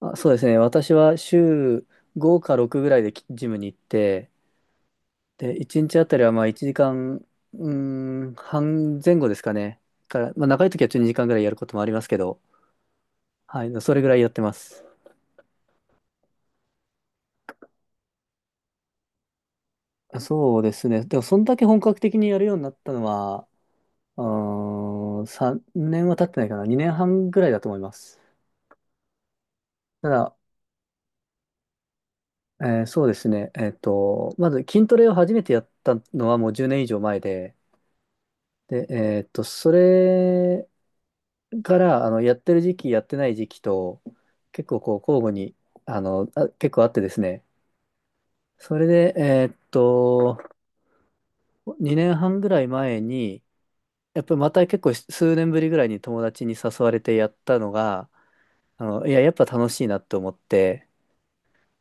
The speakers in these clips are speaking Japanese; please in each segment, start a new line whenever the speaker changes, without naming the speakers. あ、そうですね。私は週5か6ぐらいジムに行って、で、1日あたりはまあ1時間、半前後ですかね。から、まあ長い時は12時間ぐらいやることもありますけど、はい、それぐらいやってます。そうですね。でも、そんだけ本格的にやるようになったのは、うー3年は経ってないかな。2年半ぐらいだと思います。ただ、そうですね。まず筋トレを初めてやったのはもう10年以上前で、で、それから、やってる時期、やってない時期と、結構こう、交互に、結構あってですね。それで、2年半ぐらい前に、やっぱりまた結構数年ぶりぐらいに友達に誘われてやったのが、いや、やっぱ楽しいなって思って、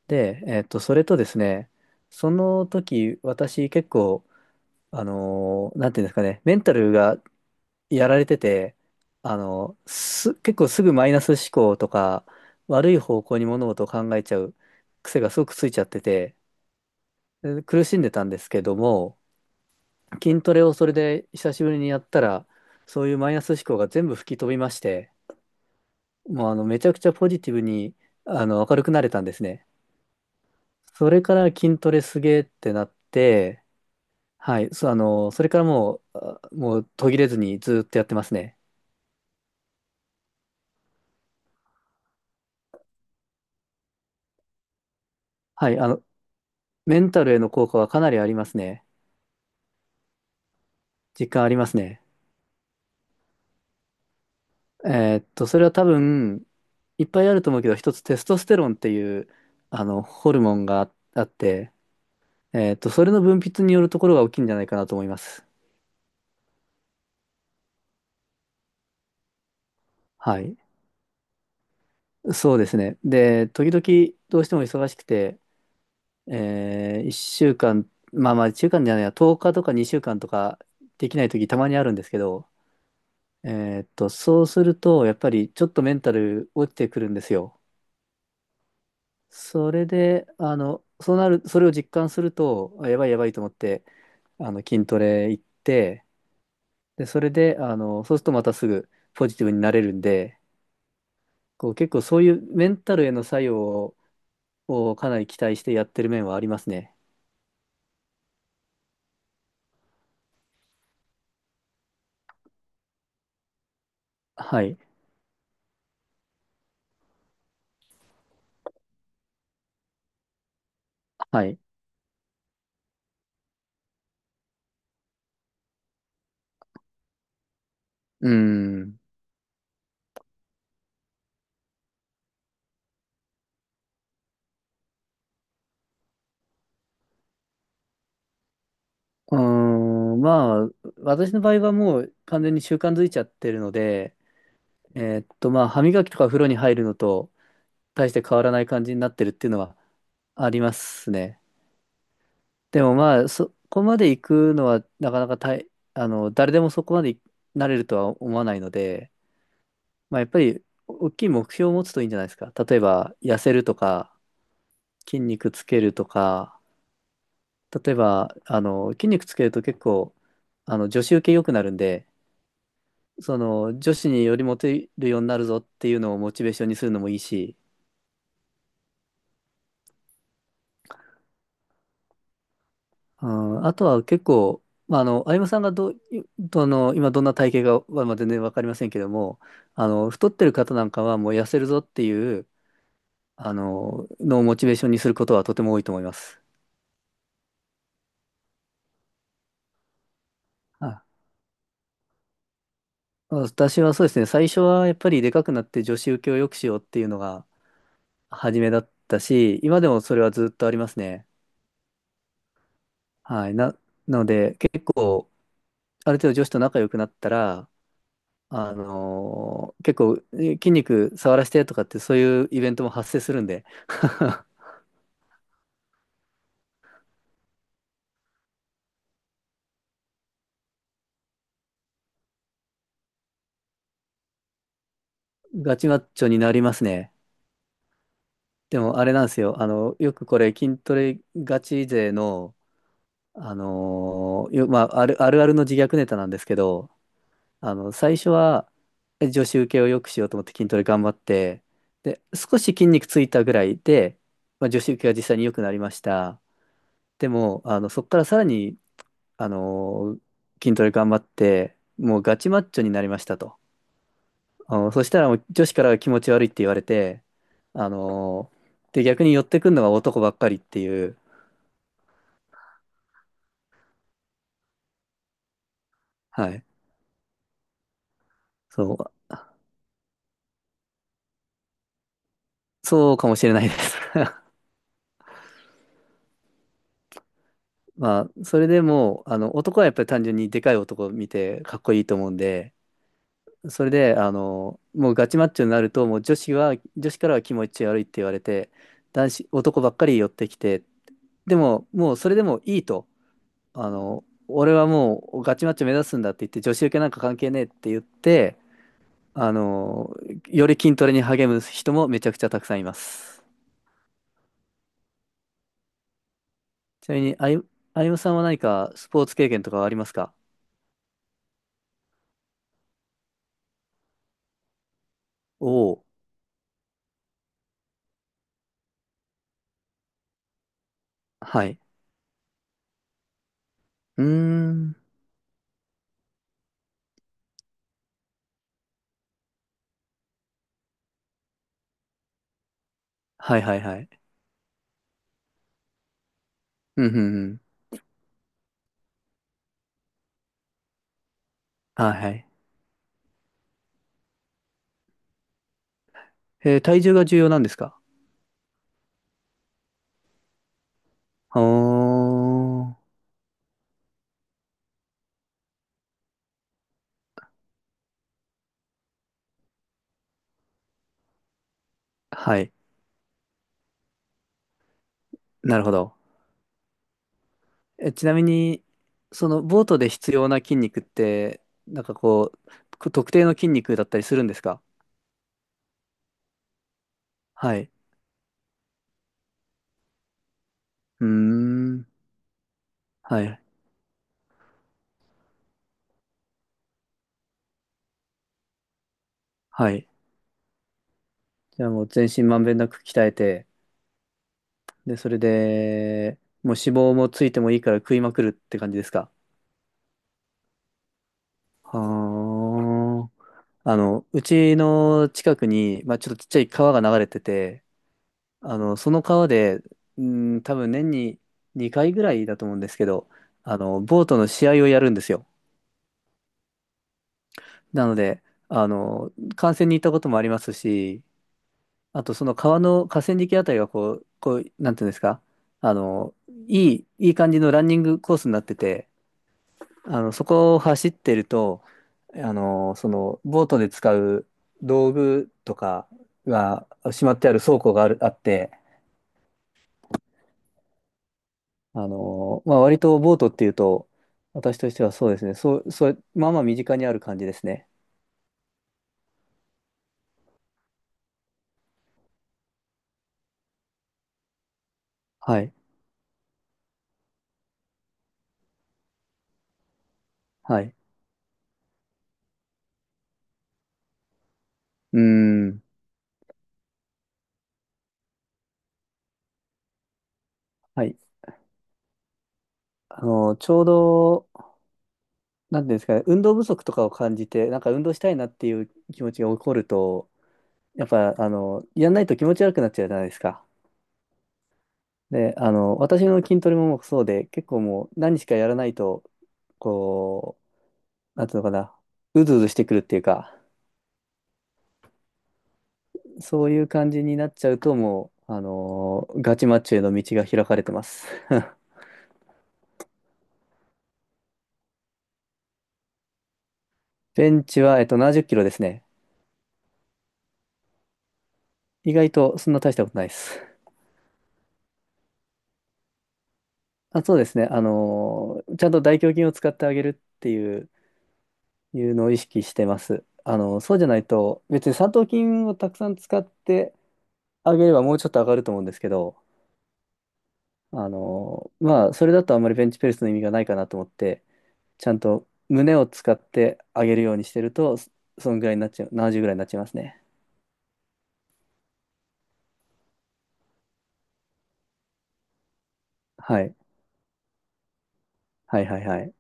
で、それとですね、その時、私結構、なんていうんですかね、メンタルがやられてて、結構すぐマイナス思考とか、悪い方向に物事を考えちゃう癖がすごくついちゃってて、で苦しんでたんですけども、筋トレをそれで久しぶりにやったら、そういうマイナス思考が全部吹き飛びまして、もうめちゃくちゃポジティブに、明るくなれたんですね。それから筋トレすげーってなって、はい、そう、それからもう、もう途切れずにずーっとやってますね。はい、メンタルへの効果はかなりありますね。実感ありますね。それは多分、いっぱいあると思うけど、一つテストステロンっていう、ホルモンがあって、それの分泌によるところが大きいんじゃないかなと思います。はい。そうですね。で、時々どうしても忙しくて、1週間、まあまあ、1間じゃないや、10日とか2週間とかできない時たまにあるんですけど、そうすると、やっぱりちょっとメンタル落ちてくるんですよ。それで、あの、そうなる、それを実感すると、あやばいやばいと思って、筋トレ行って、で、それで、そうするとまたすぐポジティブになれるんで、こう、結構そういうメンタルへの作用を、をかなり期待してやってる面はありますね。はい。はい。うーん。うーまあ、私の場合はもう完全に習慣づいちゃってるので、まあ、歯磨きとか風呂に入るのと大して変わらない感じになってるっていうのはありますね。でもまあ、そこまで行くのはなかなか大あの、誰でもそこまでなれるとは思わないので、まあやっぱり大きい目標を持つといいんじゃないですか。例えば痩せるとか、筋肉つけるとか、例えば、筋肉つけると結構、女子受け良くなるんで、女子によりモテるようになるぞっていうのをモチベーションにするのもいいし、うん、あとは結構、まあ、歩夢さんがどう、いどの、今どんな体型はまあ全然わかりませんけども、太ってる方なんかはもう痩せるぞっていう、のをモチベーションにすることはとても多いと思います。あ、私はそうですね、最初はやっぱりでかくなって女子受けを良くしようっていうのが初めだったし、今でもそれはずっとありますね。はい。なので、結構、ある程度女子と仲良くなったら、結構筋肉触らせてとかってそういうイベントも発生するんで ガチマッチョになりますね。でもあれなんですよ。よくこれ筋トレガチ勢の、あのーよまあ、あるあるの自虐ネタなんですけど、最初は女子受けを良くしようと思って筋トレ頑張って、で、少し筋肉ついたぐらいで、まあ、女子受けが実際に良くなりました。でも、そこからさらにあのー筋トレ頑張って、もうガチマッチョになりましたと。そしたらもう女子からは気持ち悪いって言われて、あので、逆に寄ってくるのが男ばっかりっていう、はい、そう、そうかもしれないです。まあ、それでもう、男はやっぱり単純にでかい男を見てかっこいいと思うんで、それで、もうガチマッチョになると、もう女子からは気持ち悪いって言われて、男ばっかり寄ってきて、でも、もうそれでもいいと。俺はもうガチマッチョ目指すんだって言って、女子受けなんか関係ねえって言って、あの、より筋トレに励む人もめちゃくちゃたくさんいます。ちなみに、あゆむさんは何かスポーツ経験とかはありますか？おおー、はい。うーん。はいはいはい。うんうんうん。はいはい。体重が重要なんですか？おー。はい。なるほど。え、ちなみに、そのボートで必要な筋肉って、なんかこう、特定の筋肉だったりするんですか？はい。うーん。はい。はい。じゃあもう全身まんべんなく鍛えて、で、それで、もう脂肪もついてもいいから食いまくるって感じですか？はあ。うちの近くに、まあ、ちょっとちっちゃい川が流れてて、その川で、うん、多分年に2回ぐらいだと思うんですけど、ボートの試合をやるんですよ。なので、観戦に行ったこともありますし、あと、その川の河川敷あたりがこう、なんていうんですか、あの、いい感じのランニングコースになってて、そこを走ってると、ボートで使う道具とかがしまってある倉庫があって、まあ、割とボートっていうと、私としてはそうですね、そう、そう、まあまあ身近にある感じですね。はい。はい。うーん。はい。ちょうど、なんていうんですかね、運動不足とかを感じて、なんか運動したいなっていう気持ちが起こると、やっぱ、やんないと気持ち悪くなっちゃうじゃないですか。で、私の筋トレもそうで、結構もう何しかやらないと、こう、なんていうのかな、うずうずしてくるっていうか、そういう感じになっちゃうと、もう、ガチマッチョへの道が開かれてます。ベンチは、70キロですね。意外とそんな大したことないです。あ、そうですね。ちゃんと大胸筋を使ってあげるっていうのを意識してます。そうじゃないと、別に三頭筋をたくさん使ってあげればもうちょっと上がると思うんですけど、まあ、それだとあんまりベンチプレスの意味がないかなと思って、ちゃんと胸を使って上げるようにしてると、そそんぐらいになっちゃう、70ぐらいになっちゃいますね。はい。はいはいはい。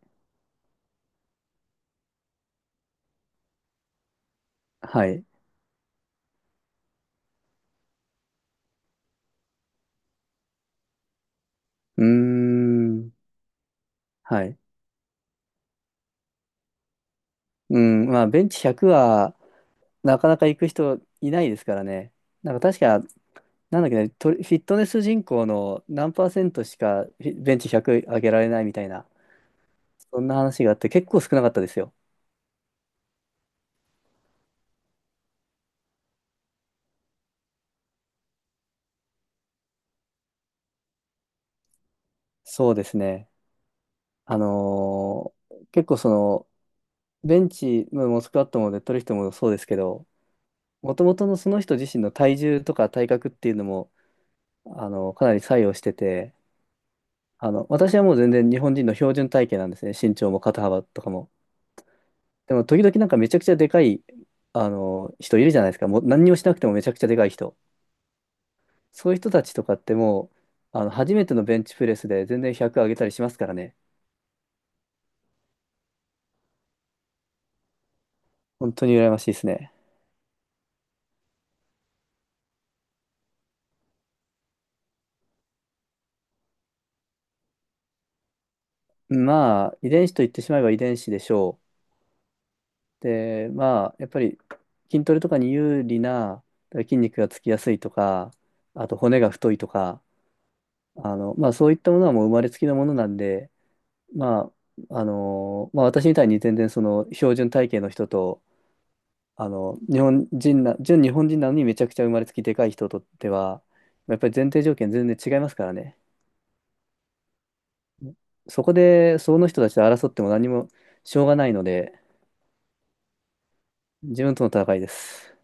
はい。うーん。はい。うん。まあ、ベンチ100は、なかなか行く人いないですからね。なんか確かなんだっけね、フィットネス人口の何パーセントしかベンチ100上げられないみたいな、そんな話があって結構少なかったですよ。そうですね。あのー結構その、ベンチ、まあもうスクワットもデッドリフトもそうですけど、もともとのその人自身の体重とか体格っていうのも、かなり作用してて、私はもう全然日本人の標準体型なんですね。身長も肩幅とかも。でも時々なんかめちゃくちゃでかい、人いるじゃないですか。もう何にもしなくてもめちゃくちゃでかい人。そういう人たちとかってもう、初めてのベンチプレスで全然100上げたりしますからね。本当に羨ましいですね。まあ、遺伝子と言ってしまえば遺伝子でしょう。で、まあ、やっぱり筋トレとかに有利な筋肉がつきやすいとか、あと骨が太いとか、まあそういったものはもう生まれつきのものなんで、まあ、まあ私みたいに全然その標準体型の人と日本人な、純日本人なのにめちゃくちゃ生まれつきでかい人とっては、やっぱり前提条件全然違いますからね。そこで、その人たちと争っても何もしょうがないので、自分との戦いです。